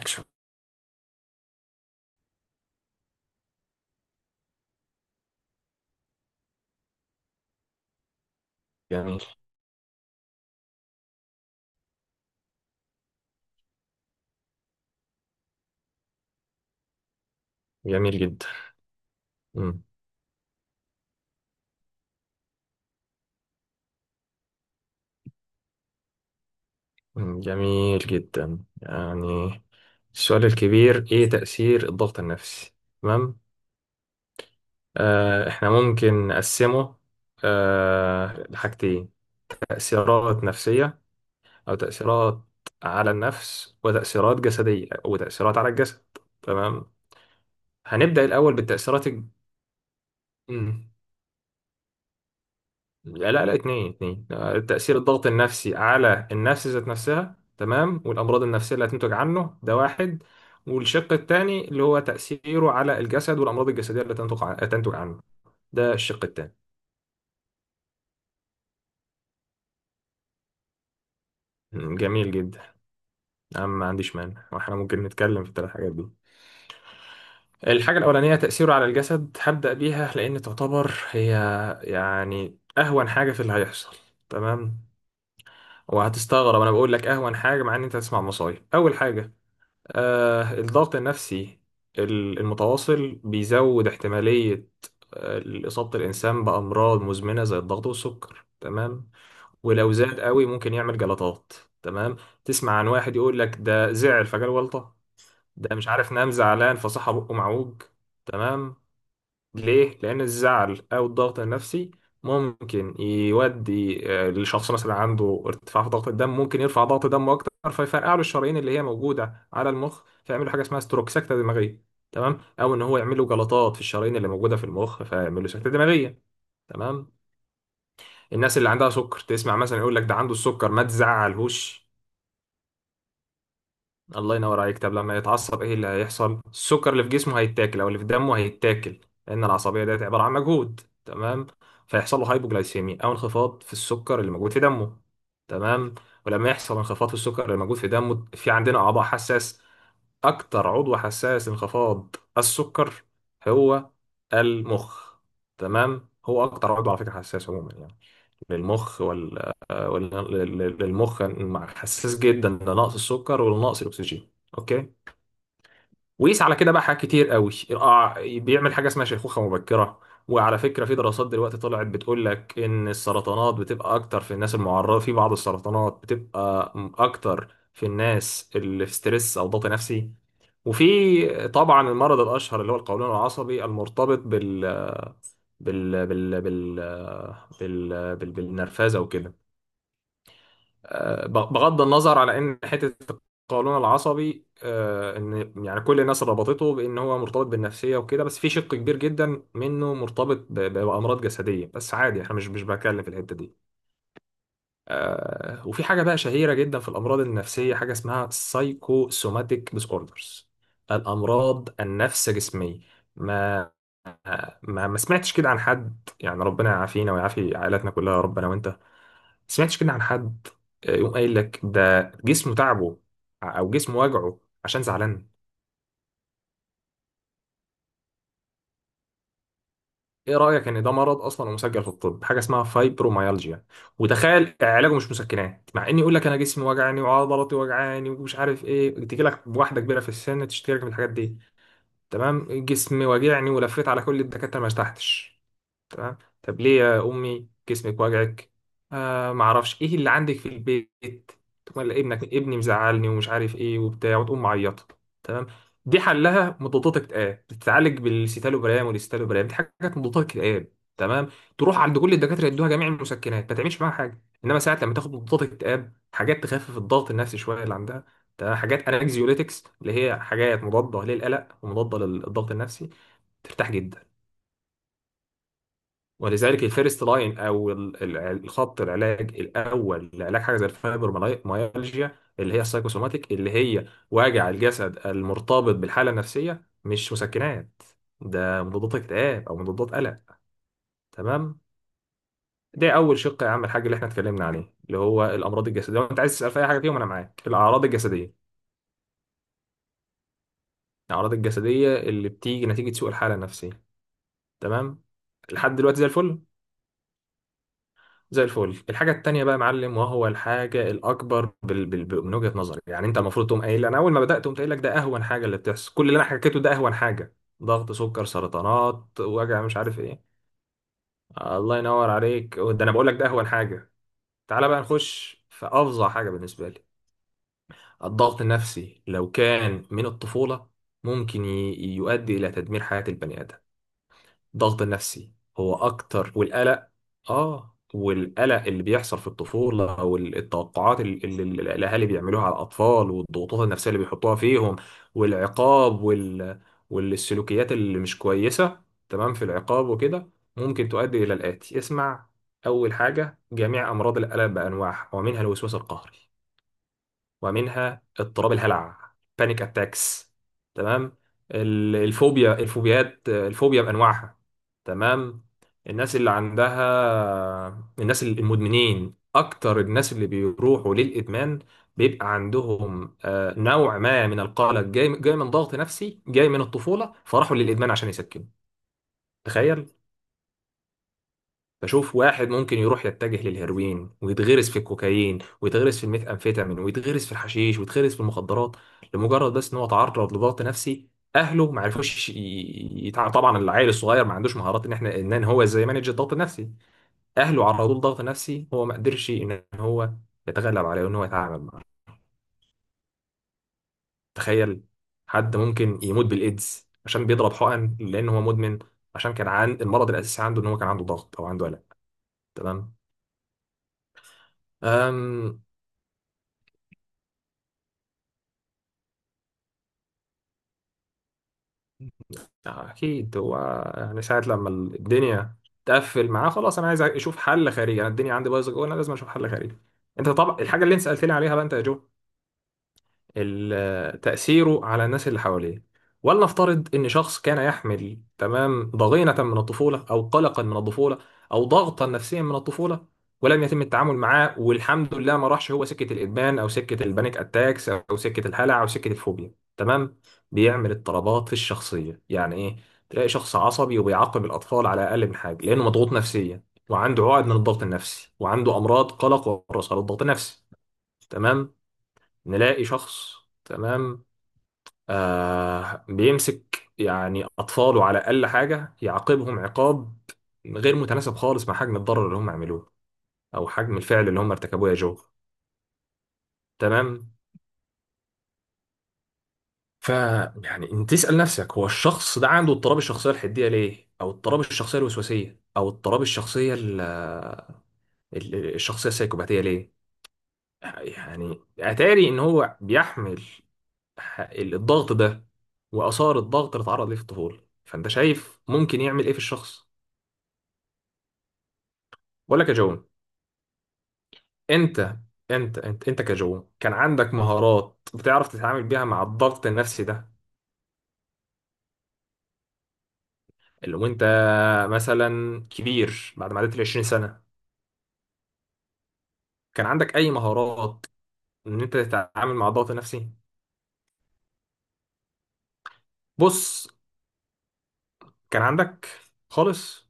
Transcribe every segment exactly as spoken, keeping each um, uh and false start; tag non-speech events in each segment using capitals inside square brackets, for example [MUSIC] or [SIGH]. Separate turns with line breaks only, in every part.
أكشن. جميل جميل جدا. مم. مم. جميل جدا، يعني السؤال الكبير إيه تأثير الضغط النفسي؟ تمام. آه إحنا ممكن نقسمه آه لحاجتين، تأثيرات نفسية أو تأثيرات على النفس وتأثيرات جسدية وتأثيرات على الجسد. تمام. هنبدأ الأول بالتأثيرات الج... لا لا، اتنين اتنين، آه، تأثير الضغط النفسي على النفس ذات نفسها، تمام، والأمراض النفسية اللي هتنتج عنه ده واحد. والشق التاني اللي هو تأثيره على الجسد والأمراض الجسدية اللي تنتج ع- تنتج عنه. ده الشق التاني. مم، جميل جدا. أنا ما عنديش مانع، واحنا ممكن نتكلم في الثلاث حاجات دي. الحاجة الأولانية تأثيره على الجسد، هبدأ بيها لأن تعتبر هي يعني أهون حاجة في اللي هيحصل. تمام. وهتستغرب أنا بقول لك أهون حاجة مع إن أنت هتسمع مصايب أول حاجة. آه الضغط النفسي ال- المتواصل بيزود احتمالية آه، إصابة الإنسان بأمراض مزمنة زي الضغط والسكر. تمام. ولو زاد قوي ممكن يعمل جلطات. تمام. تسمع عن واحد يقول لك ده زعل فجاله جلطة، ده مش عارف نام زعلان فصحى بقه معوج. تمام. ليه؟ لأن الزعل أو الضغط النفسي ممكن يودي آه، لشخص مثلا عنده ارتفاع في ضغط الدم، ممكن يرفع ضغط دمه أكتر فيفرقع له الشرايين اللي هي موجودة على المخ، فيعمل له حاجة اسمها ستروك، سكتة دماغية. تمام؟ أو إن هو يعمل له جلطات في الشرايين اللي موجودة في المخ فيعمل له سكتة دماغية. تمام؟ الناس اللي عندها سكر، تسمع مثلا يقول لك ده عنده السكر ما تزعلهوش. الله ينور عليك. طب لما يتعصب ايه اللي هيحصل؟ السكر اللي في جسمه هيتاكل او اللي في دمه هيتاكل، لان العصبيه ديت عباره عن مجهود. تمام. فيحصل له هايبوجلايسيميا او انخفاض في السكر اللي موجود في دمه. تمام. ولما يحصل انخفاض في السكر اللي موجود في دمه، في عندنا اعضاء حساس. اكتر عضو حساس انخفاض السكر هو المخ. تمام. هو اكتر عضو على فكره حساس عموما يعني. للمخ ولا ولا للمخ مع- حساس جدا لنقص السكر ولنقص الاكسجين. اوكي. ويقيس على كده بقى حاجات كتير قوي. آه، بيعمل حاجه اسمها شيخوخه مبكره. وعلى فكره في دراسات دلوقتي طلعت بتقول لك ان السرطانات بتبقى اكتر في الناس المعرضه، في بعض السرطانات بتبقى م- اكتر في الناس اللي في ستريس او ضغط نفسي. وفي طبعا المرض الاشهر اللي هو القولون العصبي المرتبط بال بال بال بال بال, بال... بال... بالنرفزه وكده. آه، بغض النظر على ان حته القولون العصبي، آه، ان يعني كل الناس ربطته بان هو مرتبط بالنفسيه وكده، بس في شق كبير جدا منه مرتبط ب- ب- بامراض جسديه، بس عادي احنا مش مش بتكلم في الحته دي. آه، وفي حاجه بقى شهيره جدا في الامراض النفسيه حاجه اسمها سايكوسوماتيك ديسوردرز، الامراض النفس جسميه. ما ما ما سمعتش كده عن حد؟ يعني ربنا يعافينا ويعافي عائلاتنا كلها يا رب، انا وانت. سمعتش كده عن حد آه، يقوم قايل لك ده جسمه تعبه او جسمه وجعه عشان زعلان؟ ايه رأيك ان ده مرض اصلا ومسجل في الطب حاجة اسمها فايبروميالجيا؟ وتخيل علاجه مش مسكنات، مع اني يقول لك انا جسمي وجعني وعضلاتي وجعاني ومش عارف ايه، تجي لك بواحدة كبيرة في السن تشتكي لك من الحاجات دي. تمام. جسمي وجعني ولفيت على كل الدكاترة ما ارتحتش. تمام. طب ليه يا امي جسمك وجعك؟ آه ما اعرفش. ايه اللي عندك في البيت؟ تقوم قايلة ابنك، ابني مزعلني ومش عارف ايه وبتاع، وتقوم معيطه. تمام. دي حلها مضادات اكتئاب، بتتعالج بالسيتالوبرام والاستالوبرام، دي حاجات مضادات اكتئاب. تمام. تروح عند كل الدكاتره يدوها جميع المسكنات ما تعملش معاها حاجه، انما ساعات لما تاخد مضادات اكتئاب حاجات تخفف الضغط النفسي شويه اللي عندها. تمام. حاجات انكزيوليتكس اللي هي حاجات مضاده للالم ومضادة للضغط النفسي، ترتاح جدا. ولذلك الفيرست لاين او ال- ال- الخط العلاج الاول لعلاج حاجه زي الفايبروميالجيا اللي هي السايكوسوماتيك، اللي هي وجع الجسد المرتبط بالحاله النفسيه، مش مسكنات. ده مضادات اكتئاب او مضادات قلق. تمام. ده اول شق يا عم الحاج اللي احنا اتكلمنا عليه، اللي هو الامراض الجسديه. لو انت عايز تسال في اي حاجه فيهم انا معاك، الاعراض الجسديه، الاعراض الجسديه اللي بتيجي نتيجه سوء الحاله النفسيه. تمام. لحد دلوقتي زي الفل. زي الفل. الحاجة التانية بقى يا معلم، وهو الحاجة الأكبر بال... بال... بال- من وجهة نظري، يعني أنت المفروض تقوم قايل أنا أول ما بدأت قمت قايل لك ده أهون حاجة اللي بتحصل، كل اللي أنا حكيته ده أهون حاجة. ضغط، سكر، سرطانات، وجع، مش عارف إيه. الله ينور عليك. ده أنا بقول لك ده أهون حاجة. تعالى بقى نخش في أفظع حاجة بالنسبة لي. الضغط النفسي لو كان من الطفولة ممكن ي... يؤدي إلى تدمير حياة البني آدم. الضغط النفسي هو اكتر، والقلق. اه والقلق اللي بيحصل في الطفوله، او ال- التوقعات ال- اللي ال- الاهالي بيعملوها على الاطفال، والضغوطات النفسيه اللي بيحطوها فيهم، والعقاب وال... والسلوكيات اللي مش كويسه. تمام. في العقاب وكده ممكن تؤدي الى الاتي، اسمع. اول حاجه جميع امراض القلق بانواعها، ومنها الوسواس القهري، ومنها اضطراب الهلع، بانيك اتاكس. تمام. ال- الفوبيا، الفوبيات، الفوبيا بانواعها. تمام. الناس اللي عندها، الناس المدمنين اكتر الناس اللي بيروحوا للادمان بيبقى عندهم آه، نوع ما من القلق، جاي جاي من ضغط نفسي جاي من الطفولة، فراحوا للادمان عشان يسكنوا. تخيل. بشوف واحد ممكن يروح يتجه للهيروين ويتغرس في الكوكايين ويتغرس في الميثامفيتامين ويتغرس في الحشيش ويتغرس في المخدرات لمجرد بس ان هو تعرض لضغط نفسي. اهله ما عرفوش ي- يتع... طبعا العيل الصغير ما عندوش مهارات ان احنا ان هو ازاي يمانج الضغط النفسي. اهله عرضوه لضغط نفسي، هو ما قدرش ان هو يتغلب عليه وان هو يتعامل معاه. تخيل. حد ممكن يموت بالايدز عشان بيضرب حقن لان هو مدمن، عشان كان عن المرض الاساسي عنده ان هو كان عنده ضغط او عنده قلق. تمام. أمم آه، اكيد هو يعني ساعه لما الدنيا تقفل معاه خلاص، انا عايز اشوف حل خارجي، انا الدنيا عندي بايظه جوه انا لازم اشوف حل خارجي. انت طبعا الحاجه اللي انت سالت لي عليها بقى انت يا جو، ال- تأثيره على الناس اللي حواليه. ولنفترض إن شخص كان يحمل، تمام، ضغينة من الطفولة أو قلقا من الطفولة أو ضغطا نفسيا من الطفولة، ولم يتم التعامل معاه، والحمد لله ما راحش هو سكة الإدمان أو سكة البانيك أتاكس أو سكة الهلع أو سكة الفوبيا. تمام. بيعمل اضطرابات في الشخصية. يعني إيه؟ تلاقي شخص عصبي وبيعاقب الأطفال على أقل من حاجة لأنه مضغوط نفسيا وعنده عقد من الضغط النفسي وعنده أمراض قلق وراثة للضغط النفسي. تمام. نلاقي شخص، تمام، آه بيمسك يعني أطفاله على أقل حاجة يعاقبهم عقاب غير متناسب خالص مع حجم الضرر اللي هم عملوه أو حجم الفعل اللي هم ارتكبوه، يا جو. تمام. ف يعني انت تسأل نفسك هو الشخص ده عنده اضطراب الشخصية الحدية ليه، او اضطراب الشخصية الوسواسية، او اضطراب الشخصية ال- ال- الشخصية السايكوباتية ليه؟ يعني اتاري ان هو بيحمل ح- الضغط ده واثار الضغط اللي اتعرض ليه في الطفوله، فانت شايف ممكن يعمل ايه في الشخص ولا كجون؟ انت انت انت انت كجون كان عندك مهارات بتعرف تتعامل بيها مع الضغط النفسي ده. اللي وانت مثلا كبير بعد ما عديت ال عشرين سنه، كان عندك اي مهارات ان انت تتعامل مع الضغط النفسي؟ بص، كان عندك خالص.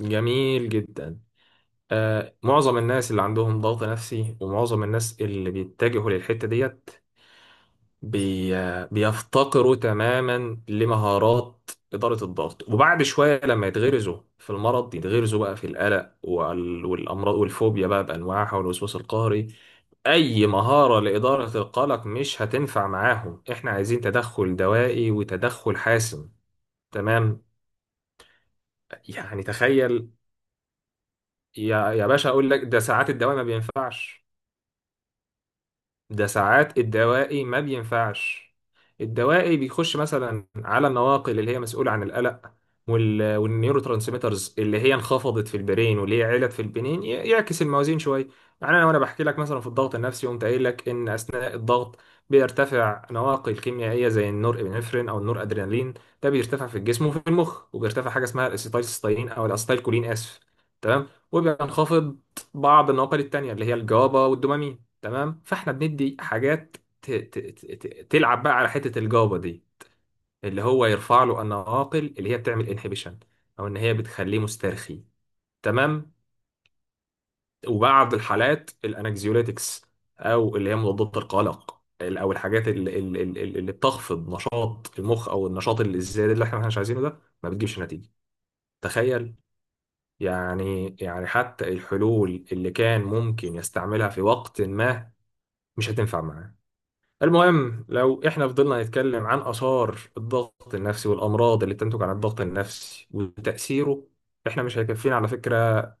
جميل جدا. آه معظم الناس اللي عندهم ضغط نفسي ومعظم الناس اللي بيتجهوا للحتة ديت بي... بيفتقروا تماما لمهارات إدارة الضغط. وبعد شوية لما يتغرزوا في المرض يتغرزوا بقى في القلق وال... والأمراض والفوبيا بقى بأنواعها والوسواس القهري، أي مهارة لإدارة القلق مش هتنفع معاهم، إحنا عايزين تدخل دوائي وتدخل حاسم. تمام. يعني تخيل يا يا باشا، أقول لك ده ساعات الدواء ما بينفعش. ده ساعات الدوائي ما بينفعش. الدوائي بيخش مثلا على النواقل اللي هي مسؤولة عن القلق وال... والنيورو ترانسميترز اللي هي انخفضت في البرين واللي هي علت في البنين، ي... يعكس الموازين شوية. يعني انا، وانا بحكي لك مثلا في الضغط النفسي قمت قايل لك ان اثناء الضغط بيرتفع نواقل كيميائية زي النور ابنفرين او النور ادرينالين، ده بيرتفع في الجسم وفي المخ. وبيرتفع حاجة اسمها الاسيتايلسيستاين او الاسيتايلكولين، اسف. تمام. وبينخفض بعض النواقل التانية اللي هي الجابا والدوبامين. تمام. فاحنا بندي حاجات ت... ت... ت... ت- تلعب بقى على حتة الجابة دي، اللي هو يرفع له النواقل اللي هي بتعمل انهبيشن او ان هي بتخليه مسترخي. تمام. وبعض الحالات الانكزيوليتكس او اللي هي مضادات القلق، ال- او الحاجات اللي, اللي, اللي بتخفض نشاط المخ او النشاط الزياده اللي احنا مش عايزينه ده، ما بتجيبش نتيجه. تخيل. يعني يعني حتى الحلول اللي كان ممكن يستعملها في وقت ما مش هتنفع معاه. المهم، لو احنا فضلنا نتكلم عن آثار الضغط النفسي والأمراض اللي تنتج عن الضغط النفسي وتأثيره، احنا مش هيكفينا على فكرة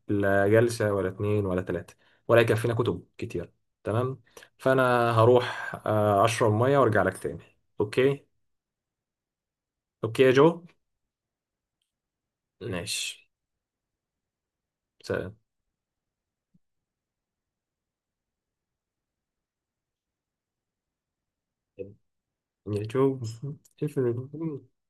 لا جلسة ولا اتنين ولا تلاتة، ولا هيكفينا كتب كتير. تمام. فأنا هروح آه، أشرب مية وأرجع لك تاني. أوكي. أوكي يا جو. ماشي. سلام. يا جو. [LAUGHS]